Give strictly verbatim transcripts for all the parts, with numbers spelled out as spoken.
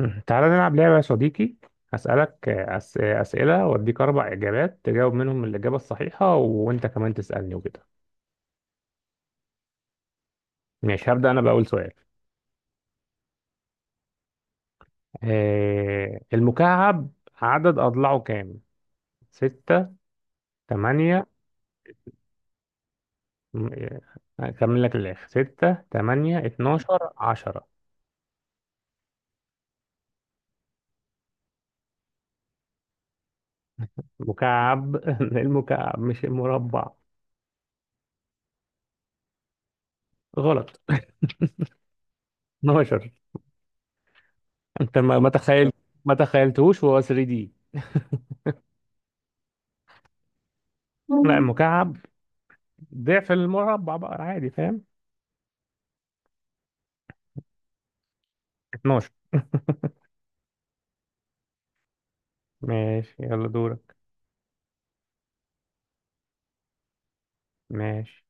مم. تعالى نلعب لعبة يا صديقي. هسألك أس... أسئلة وأديك أربع إجابات تجاوب منهم الإجابة الصحيحة، وأنت كمان تسألني وكده. ماشي، هبدأ أنا بأول سؤال. آه، المكعب عدد أضلاعه كام؟ ستة، تمانية. م- آه، هكمل لك الآخر: ستة، تمانية، اتناشر، عشرة. مكعب المكعب مش المربع. غلط. اتناشر. أنت ما ما تخيل ما تخيلتهوش وهو تلاتة دي؟ لا المكعب ضعف المربع بقى، عادي، فاهم؟ اتناشر. ماشي يلا دورك. ماشي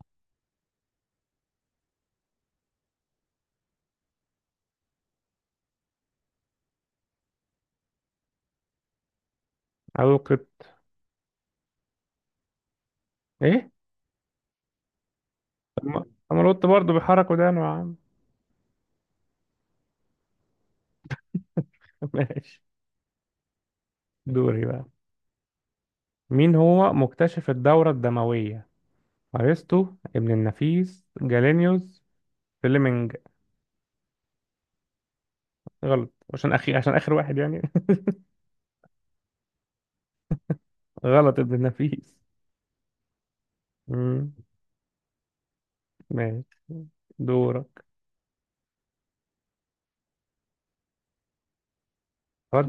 أو كنت. إيه؟ طب ما طب ما القط برضه بيحرك ودانه يا عم. ماشي. دوري بقى. مين هو مكتشف الدورة الدموية؟ أرسطو، ابن النفيس، جالينيوس، فليمنج. غلط، عشان أخي عشان آخر واحد يعني. غلط، ابن النفيس. مم. ماشي دورك. خد.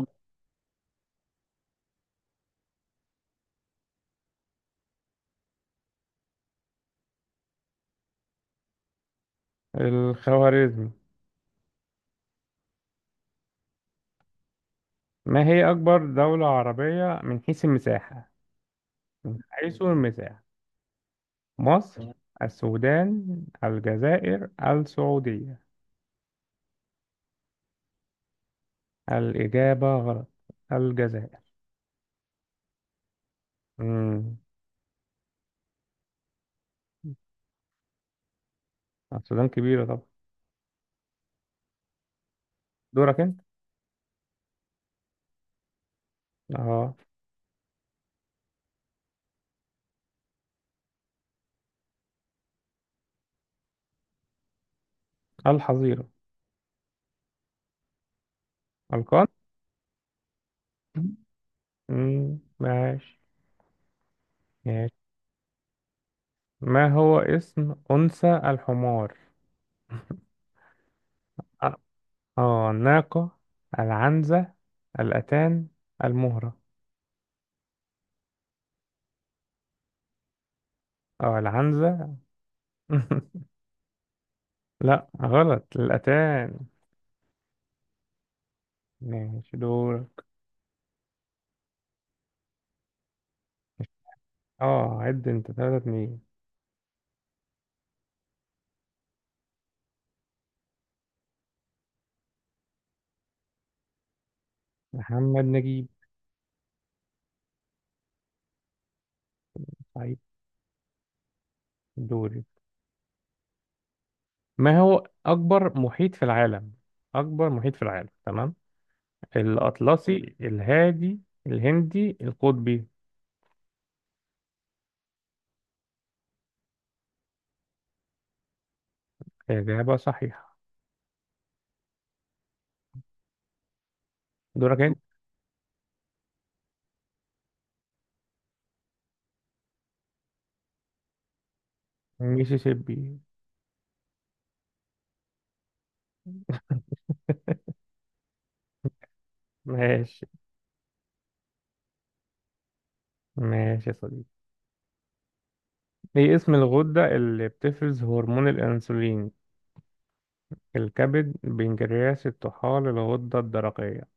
الخوارزمي. ما هي أكبر دولة عربية من حيث المساحة؟ من حيث المساحة؟ مصر، السودان، الجزائر، السعودية. الإجابة غلط. الجزائر. مم. السودان كبيرة طبعا. دورك أنت. أه، الحظيرة، القان. مم. ماشي. ماشي، ما هو اسم أنثى الحمار؟ أ- أه، الناقة، العنزة، الأتان، المهرة. أه العنزة. لا غلط، الأتان. ماشي دورك. أه عد أنت، تلاتة اتنين. محمد نجيب. طيب. دوري. ما هو أكبر محيط في العالم؟ أكبر محيط في العالم، تمام. الأطلسي، الهادي، الهندي، القطبي. إجابة صحيحة. دورك أنت. ميسيسيبي. ماشي. ماشي يا صديقي. إيه اسم الغدة اللي بتفرز هرمون الأنسولين؟ الكبد، البنكرياس، الطحال، الغدة الدرقية.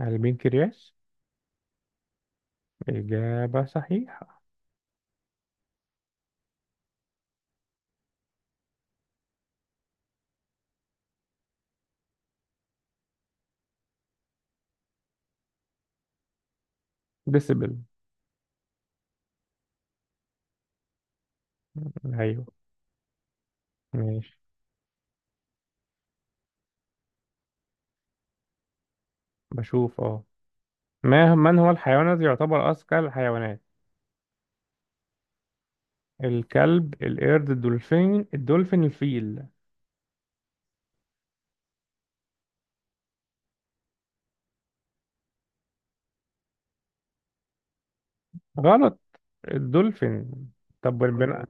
البنكرياس. إجابة صحيحة. ديسبل. أيوه. ماشي. بشوف. اه ما من هو الحيوان الذي يعتبر أذكى الحيوانات؟ الكلب، القرد، الدولفين الدولفين، الفيل. غلط. الدولفين. طب بالبناء.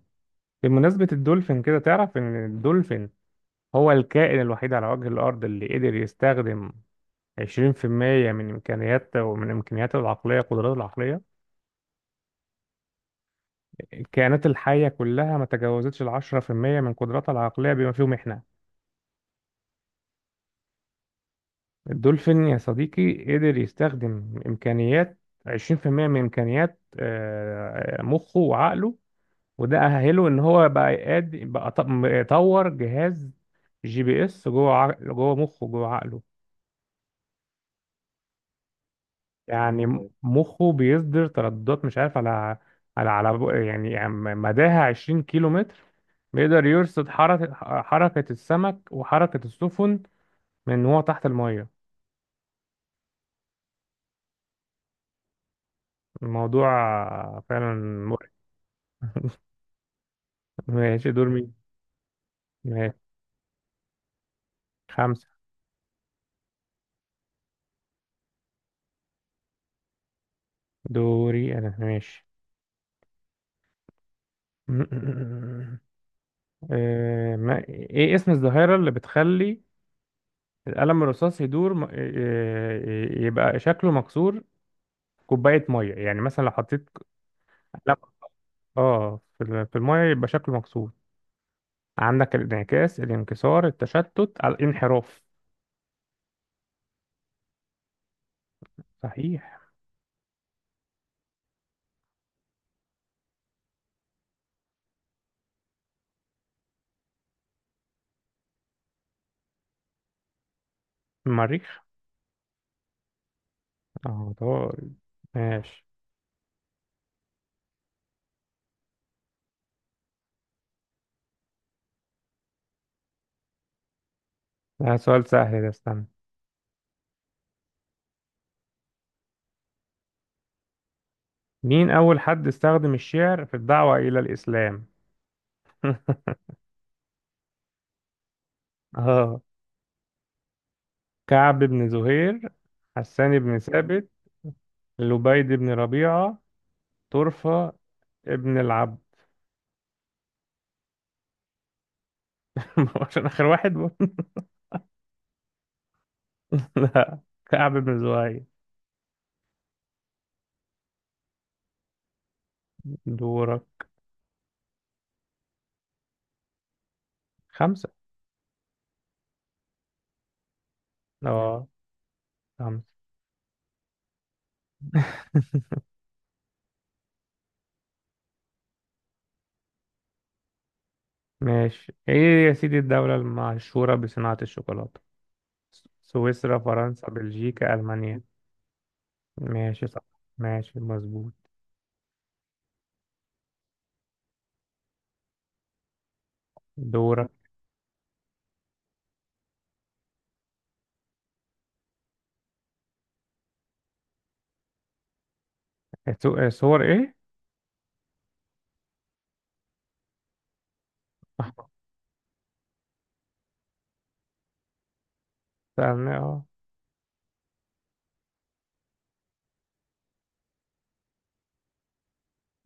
بمناسبة الدولفين، كده تعرف إن الدولفين هو الكائن الوحيد على وجه الأرض اللي قدر يستخدم عشرين في المية من إمكانياته، ومن إمكانياته العقلية، قدراته العقلية. الكائنات الحية كلها ما تجاوزتش ال عشرة في المية من قدراتها العقلية بما فيهم إحنا. الدولفين يا صديقي قدر يستخدم إمكانيات عشرين بالمية من إمكانيات آه، مخه وعقله. وده أهله إن هو بقى قادر بقى، ط- يطور جهاز جي بي إس جوه عق- جوه مخه جوه عقله. يعني م- مخه بيصدر ترددات، مش عارف، على على على بق- يعني عم- مداها عشرين كيلو متر. بيقدر يرصد حركة حركة السمك وحركة السفن من وهو تحت المية. الموضوع فعلا مرعب. ماشي دور مين. ماشي خمسة. دوري أنا ماشي. آه، ما إيه اسم الظاهرة اللي بتخلي القلم الرصاص يدور م- آه، آه، يبقى شكله مكسور في كوباية مية؟ يعني مثلا لو حطيت قلم اه في ال- في المية يبقى شكله مكسور. عندك الانعكاس، الانكسار، التشتت، الانحراف. صحيح. المريخ. اه طبعا. ماشي. ده سؤال سهل ده، استنى. مين أول حد استخدم الشعر في الدعوة إلى الإسلام؟ اه، كعب بن زهير، حسان بن ثابت، لبيد بن ربيعة، طرفة ابن العبد. ما هو عشان آخر واحد برضه. لا، كعب بن زهير. دورك. خمسة. اه خمسة. ماشي. ايه يا سيدي الدولة المشهورة بصناعة الشوكولاتة؟ سويسرا، فرنسا، بلجيكا، ألمانيا. ماشي صح. ماشي مظبوط. دورك. سو- صور ايه؟ سألنا. اه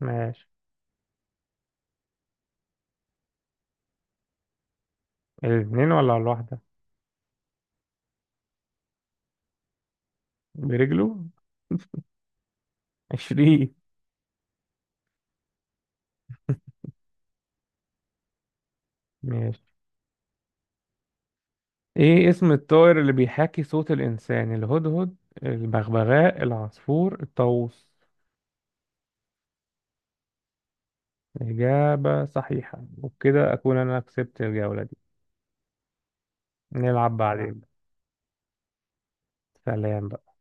ماشي. الاثنين ولا الواحدة؟ برجله. عشرين. ماشي. ايه اسم الطائر اللي بيحاكي صوت الانسان؟ الهدهد، البغبغاء، العصفور، الطاووس. إجابة صحيحة، وبكده أكون أنا كسبت الجولة دي. نلعب نعم بعدين. سلام.